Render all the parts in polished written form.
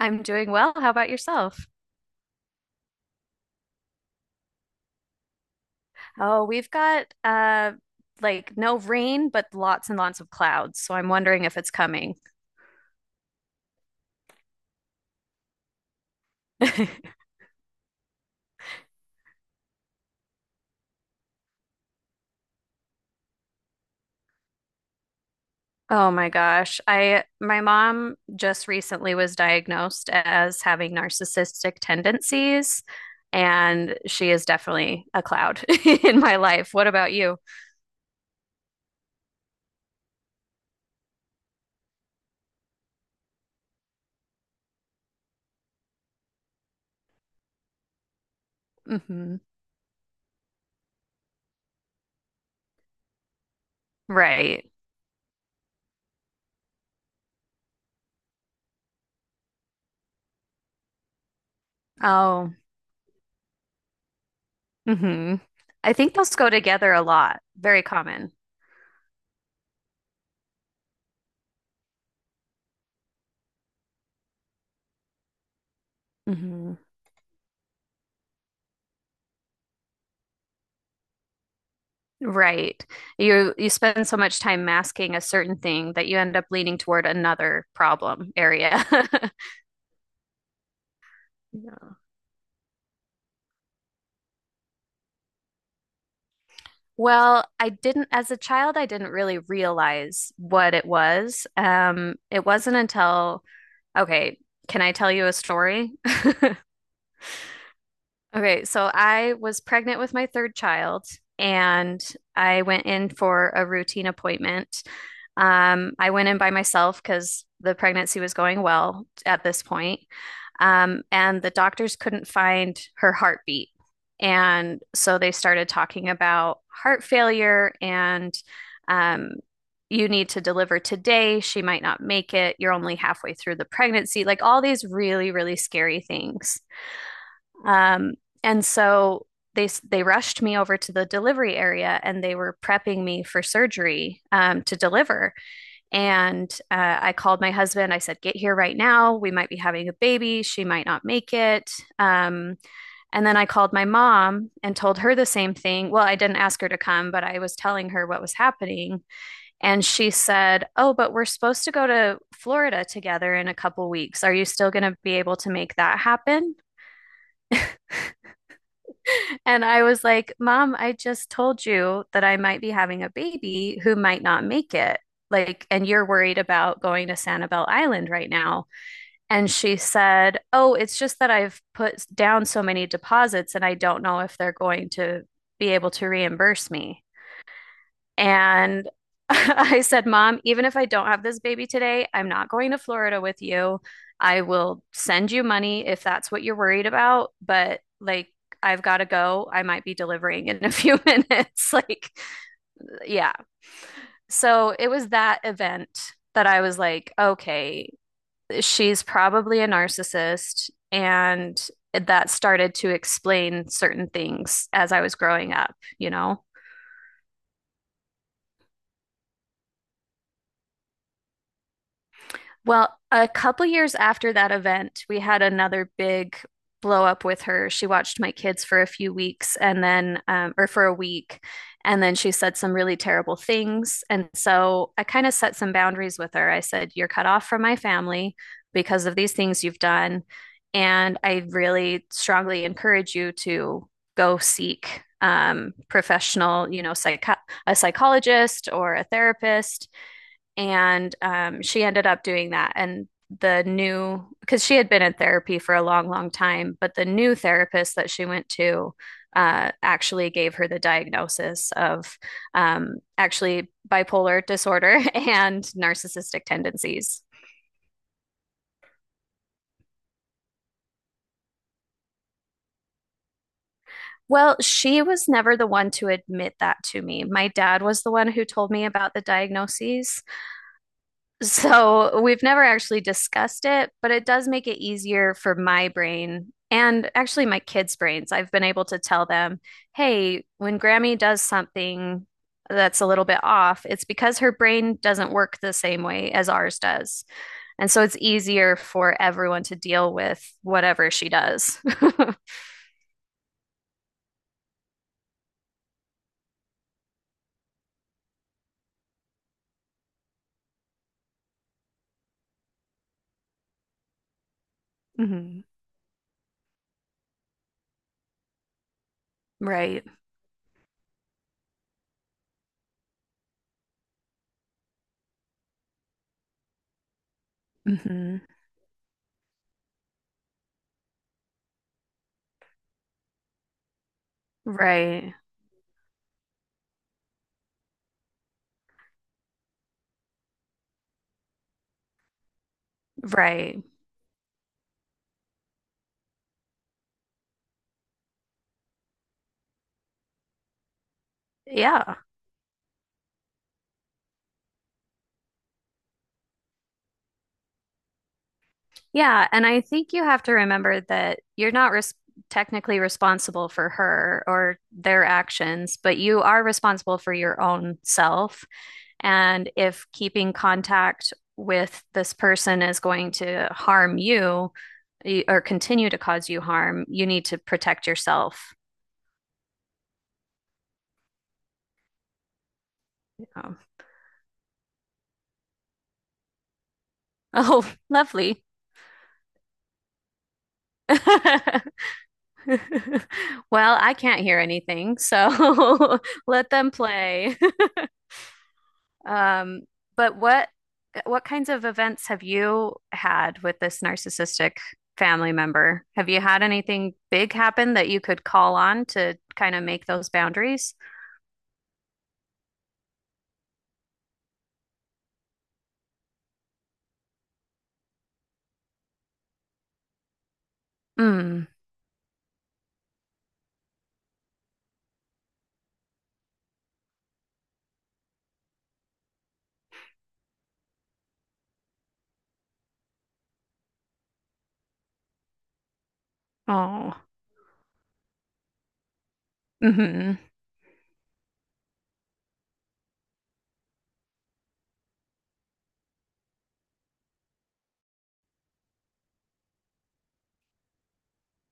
I'm doing well. How about yourself? Oh, we've got like no rain, but lots and lots of clouds. So I'm wondering if it's coming. Oh my gosh. I my mom just recently was diagnosed as having narcissistic tendencies, and she is definitely a cloud in my life. What about you? hmm Right. Oh. hmm I think those go together a lot. Very common. Mhm. Right. You spend so much time masking a certain thing that you end up leaning toward another problem area. Yeah. Well, I didn't, as a child, I didn't really realize what it was. It wasn't until, okay, can I tell you a story? Okay, so I was pregnant with my third child and I went in for a routine appointment. I went in by myself because the pregnancy was going well at this point. And the doctors couldn't find her heartbeat. And so they started talking about heart failure and um, you need to deliver today. She might not make it. You're only halfway through the pregnancy. Like all these really, really scary things. Um, and so they rushed me over to the delivery area and they were prepping me for surgery to deliver. And I called my husband. I said, "Get here right now. We might be having a baby. She might not make it." Um, and then I called my mom and told her the same thing. Well, I didn't ask her to come, but I was telling her what was happening. And she said, "Oh, but we're supposed to go to Florida together in a couple weeks. Are you still going to be able to make that happen?" And I was like, Mom, I just told you that I might be having a baby who might not make it. Like, and you're worried about going to Sanibel Island right now. And she said, Oh, it's just that I've put down so many deposits and I don't know if they're going to be able to reimburse me. And I said, Mom, even if I don't have this baby today, I'm not going to Florida with you. I will send you money if that's what you're worried about, but like, I've got to go. I might be delivering in a few minutes. Like, yeah. So it was that event that I was like, okay, she's probably a narcissist. And that started to explain certain things as I was growing up, you know? Well, a couple years after that event, we had another big blow up with her. She watched my kids for a few weeks and then, or for a week, and then she said some really terrible things. And so I kind of set some boundaries with her. I said, You're cut off from my family because of these things you've done. And I really strongly encourage you to go seek professional, you know, a psychologist or a therapist and she ended up doing that. And because she had been in therapy for a long, long time, but the new therapist that she went to actually gave her the diagnosis of actually bipolar disorder and narcissistic tendencies. Well, she was never the one to admit that to me. My dad was the one who told me about the diagnoses. So we've never actually discussed it, but it does make it easier for my brain and actually my kids' brains. I've been able to tell them, hey, when Grammy does something that's a little bit off, it's because her brain doesn't work the same way as ours does. And so it's easier for everyone to deal with whatever she does. Mhm. Right. hmm Right. Right. Yeah. Yeah, and I think you have to remember that you're not res technically responsible for her or their actions, but you are responsible for your own self. And if keeping contact with this person is going to harm you or continue to cause you harm, you need to protect yourself. Um, Oh, lovely. Well, I can't hear anything, so let them play. Um, but what kinds of events have you had with this narcissistic family member? Have you had anything big happen that you could call on to kind of make those boundaries? Mm. Oh. hmm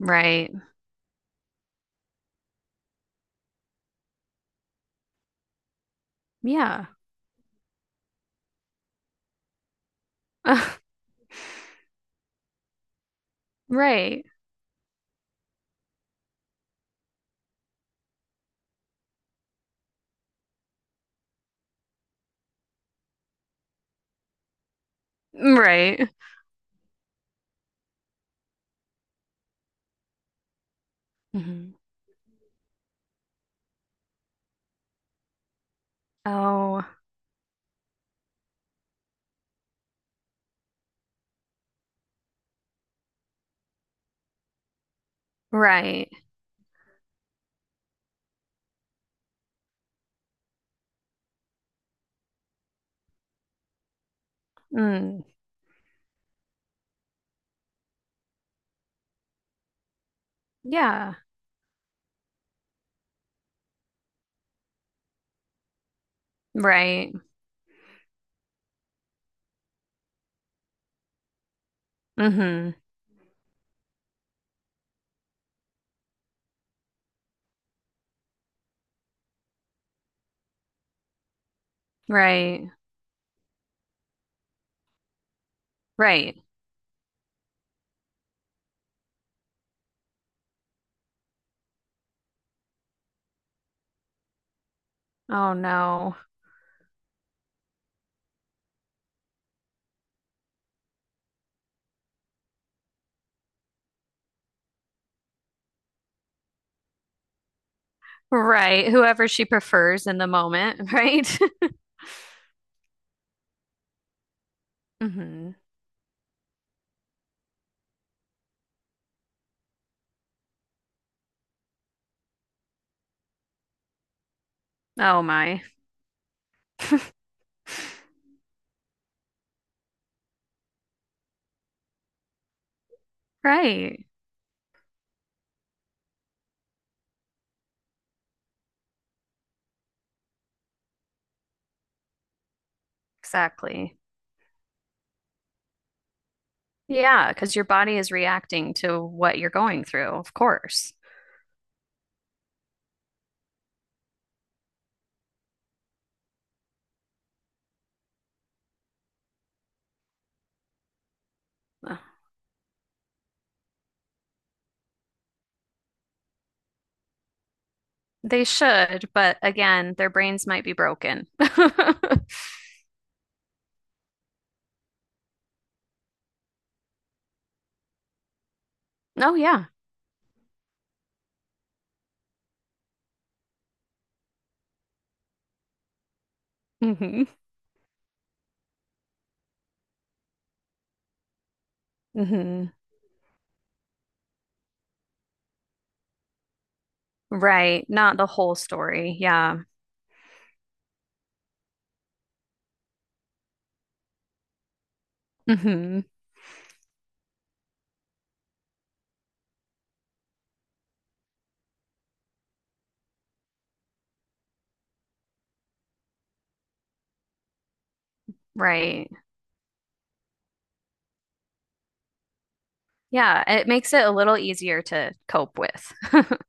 Right. Yeah. Right. Right. hmm Oh, right. Mm. Yeah. Right. hmm Right. Right. Oh no. Right. Whoever she prefers in the moment, right? hmm Oh my. Right. Exactly. Yeah, because your body is reacting to what you're going through, of course. Uh, They should, but again, their brains might be broken. Oh yeah. hmm hmm Right. Not the whole story. Yeah. hmm Right. Yeah, it makes it a little easier to cope with.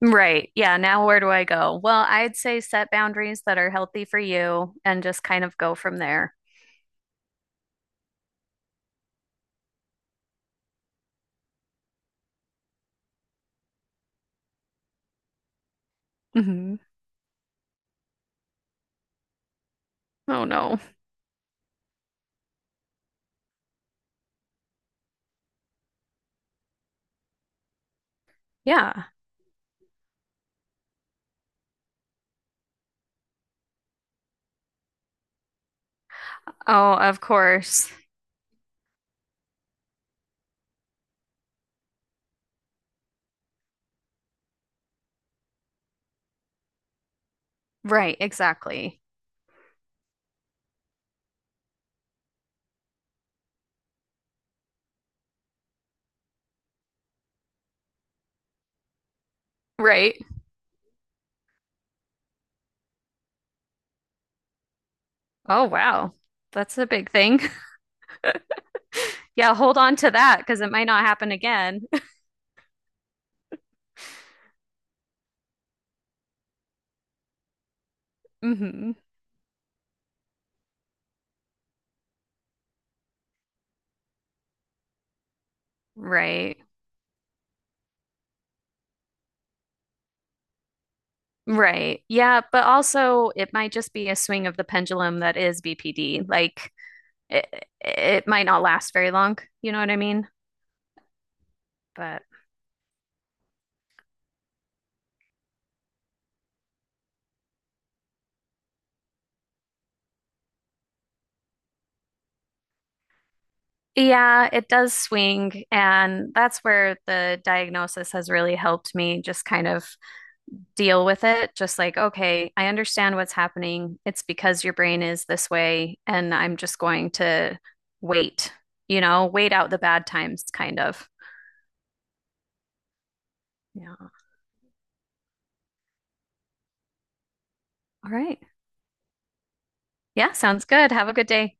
Right. Yeah. Now, where do I go? Well, I'd say set boundaries that are healthy for you and just kind of go from there. hmm Oh, no. Yeah. Oh, of course. Right. Exactly. Right. Oh, wow. That's a big thing. Yeah. Hold on to that because it might not happen again. hmm Right. Right. Yeah. But also, it might just be a swing of the pendulum that is BPD. Like, it might not last very long. You know what I mean? But. Yeah, it does swing. And that's where the diagnosis has really helped me just kind of deal with it. Just like, okay, I understand what's happening. It's because your brain is this way. And I'm just going to wait, you know, wait out the bad times, kind of. Yeah. All right. Yeah, sounds good. Have a good day.